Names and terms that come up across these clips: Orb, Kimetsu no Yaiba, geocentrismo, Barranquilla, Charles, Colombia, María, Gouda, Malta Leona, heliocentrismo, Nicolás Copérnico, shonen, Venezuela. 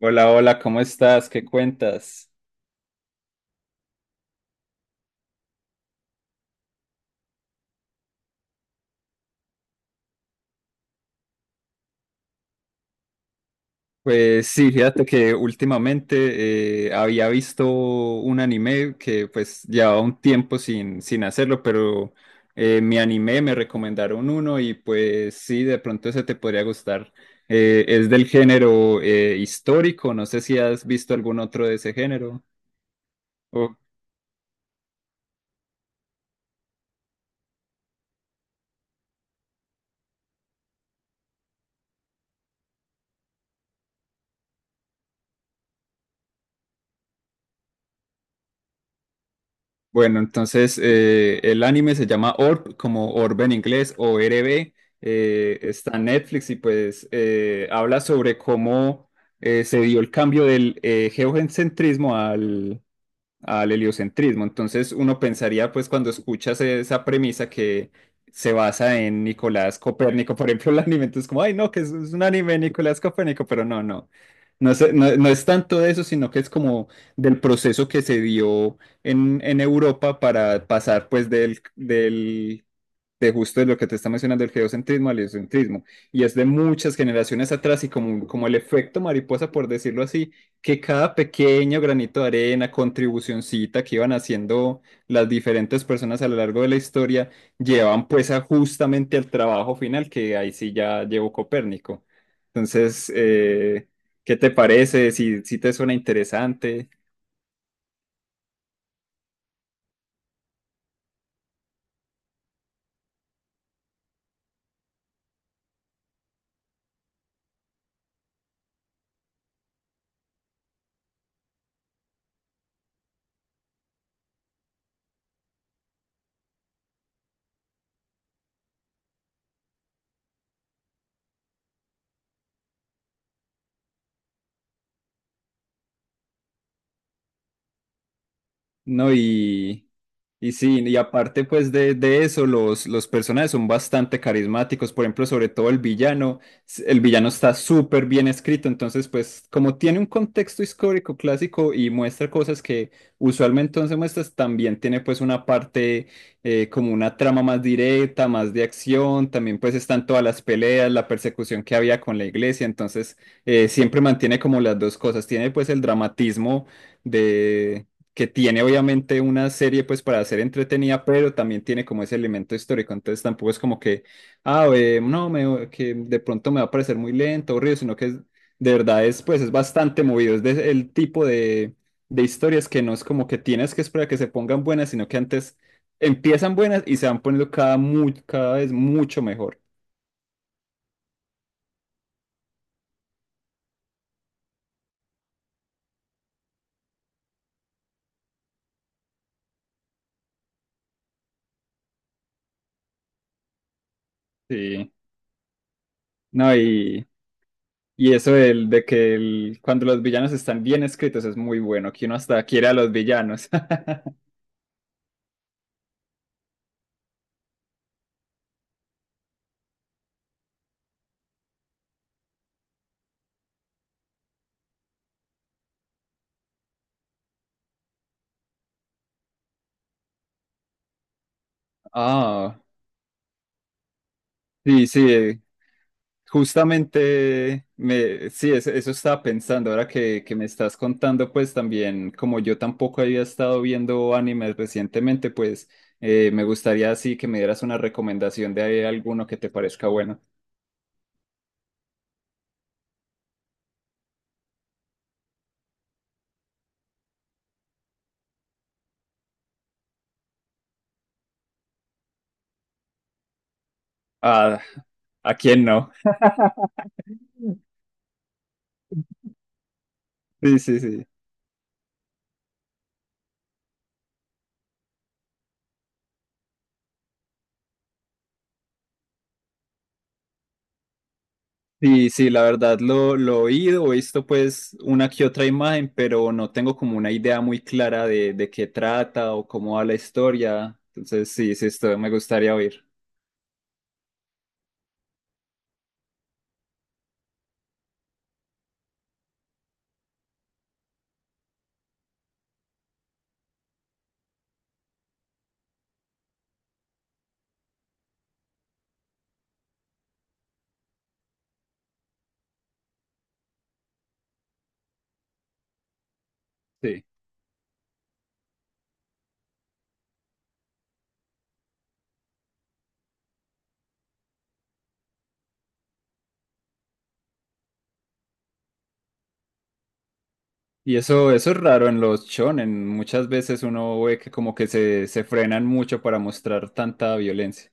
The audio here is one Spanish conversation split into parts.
Hola, hola, ¿cómo estás? ¿Qué cuentas? Pues sí, fíjate que últimamente había visto un anime que pues llevaba un tiempo sin hacerlo, pero me animé, me recomendaron uno y pues sí, de pronto ese te podría gustar. Es del género histórico, no sé si has visto algún otro de ese género. Bueno, entonces el anime se llama Orb, como Orb en inglés, o RB. Está en Netflix y pues habla sobre cómo se dio el cambio del geocentrismo al heliocentrismo. Entonces uno pensaría, pues cuando escuchas esa premisa que se basa en Nicolás Copérnico, por ejemplo, el anime, entonces como, ay, no, es un anime de Nicolás Copérnico, pero no, no. No sé, no, no es tanto de eso, sino que es como del proceso que se dio en Europa para pasar pues del de justo de lo que te está mencionando, el geocentrismo, al heliocentrismo, y es de muchas generaciones atrás y como, como el efecto mariposa, por decirlo así, que cada pequeño granito de arena, contribucioncita que iban haciendo las diferentes personas a lo largo de la historia, llevan pues a justamente al trabajo final, que ahí sí ya llevó Copérnico. Entonces, ¿qué te parece? Si, si te suena interesante. No, y sí, y aparte pues de eso, los personajes son bastante carismáticos, por ejemplo, sobre todo el villano, el villano está súper bien escrito, entonces pues como tiene un contexto histórico clásico y muestra cosas que usualmente no se muestran, también tiene pues una parte como una trama más directa, más de acción, también pues están todas las peleas, la persecución que había con la iglesia, entonces siempre mantiene como las dos cosas, tiene pues el dramatismo que tiene obviamente una serie pues para ser entretenida, pero también tiene como ese elemento histórico, entonces tampoco es como que, ah, no, que de pronto me va a parecer muy lento, aburrido, de verdad es pues es bastante movido, el tipo de historias que no es como que tienes que esperar a que se pongan buenas, sino que antes empiezan buenas y se van poniendo cada, cada vez mucho mejor. Sí, no, y eso del, de que cuando los villanos están bien escritos es muy bueno, que uno hasta quiere a los villanos. Ah, sí, sí, justamente me, sí, eso estaba pensando ahora que me estás contando, pues también, como yo tampoco había estado viendo animes recientemente, pues me gustaría así que me dieras una recomendación de alguno que te parezca bueno. Ah, ¿a quién no? Sí, sí, sí. Sí, sí, la verdad lo he oído, he visto pues una que otra imagen, pero no tengo como una idea muy clara de qué trata o cómo va la historia. Entonces, sí, sí, esto me gustaría oír. Sí. Y eso es raro en los shonen. Muchas veces uno ve que como que se frenan mucho para mostrar tanta violencia.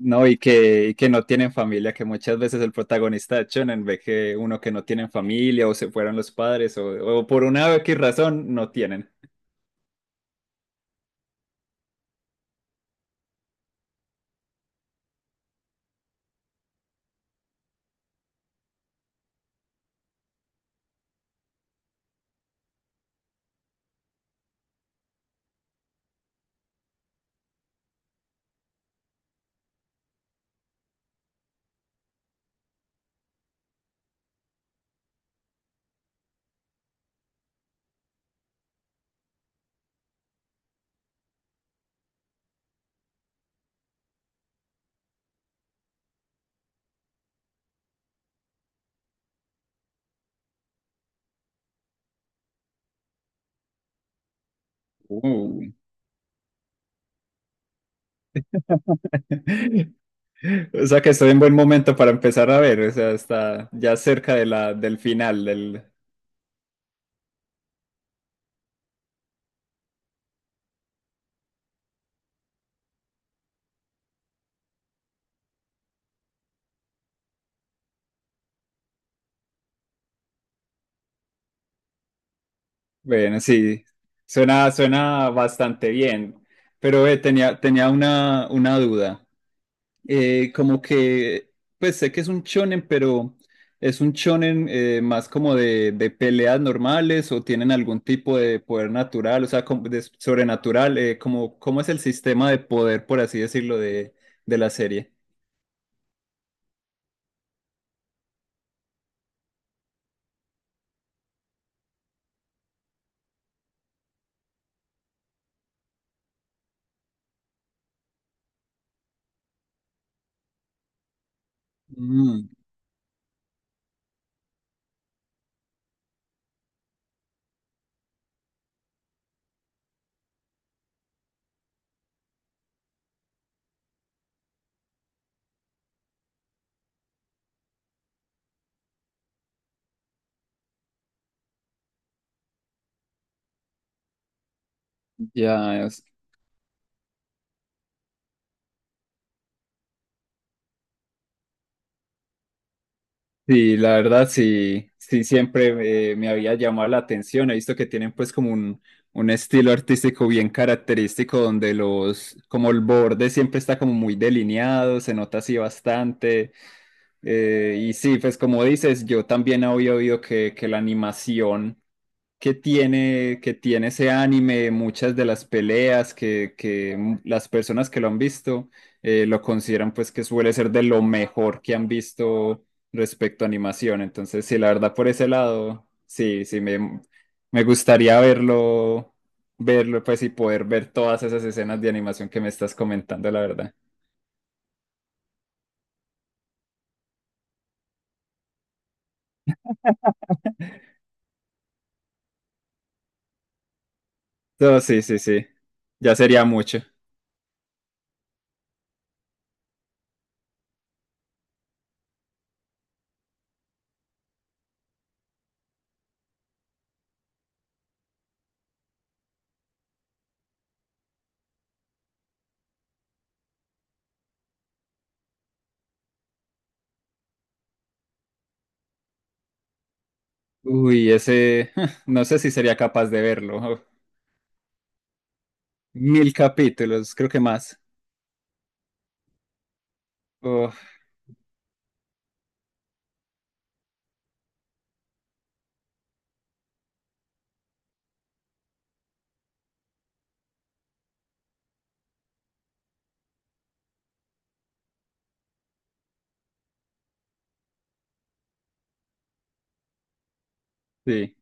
No, y que no tienen familia, que muchas veces el protagonista de shonen ve que uno que no tienen familia o se fueron los padres o por una X razón no tienen. Uh. O sea que estoy en buen momento para empezar a ver, o sea, está ya cerca de la, del final del... Bueno, sí, suena, suena bastante bien, pero tenía, tenía una duda. Eh, como que, pues sé que es un shonen, pero ¿es un shonen más como de peleas normales o tienen algún tipo de poder natural, o sea, como de sobrenatural? Como, ¿cómo es el sistema de poder, por así decirlo, de la serie? Mm. Ya, es- sí, la verdad sí, sí siempre me había llamado la atención. He visto que tienen pues como un estilo artístico bien característico donde los, como el borde siempre está como muy delineado, se nota así bastante. Y sí, pues como dices, yo también había oído que la animación que tiene ese anime, muchas de las peleas que las personas que lo han visto lo consideran pues que suele ser de lo mejor que han visto respecto a animación. Entonces, sí, la verdad por ese lado, sí, sí, me gustaría verlo, verlo pues y poder ver todas esas escenas de animación que me estás comentando, la verdad. No, sí, sí, sí, ya sería mucho. Uy, ese, no sé si sería capaz de verlo. Mil capítulos, creo que más. Uf, sí,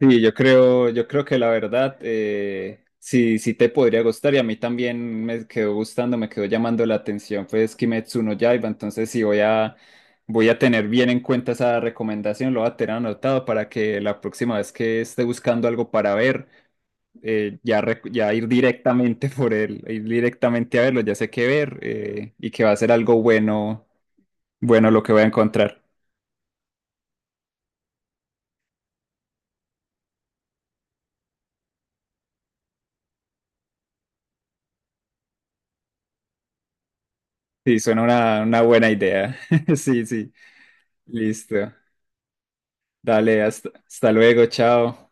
sí, yo creo que la verdad, sí, sí te podría gustar y a mí también me quedó gustando, me quedó llamando la atención, pues Kimetsu no Yaiba, entonces sí voy a, voy a tener bien en cuenta esa recomendación, lo voy a tener anotado para que la próxima vez que esté buscando algo para ver, ya ir directamente por él, ir directamente a verlo, ya sé qué ver y que va a ser algo bueno, bueno lo que voy a encontrar. Sí, suena una buena idea. Sí, sí. Listo. Dale, hasta, hasta luego, chao.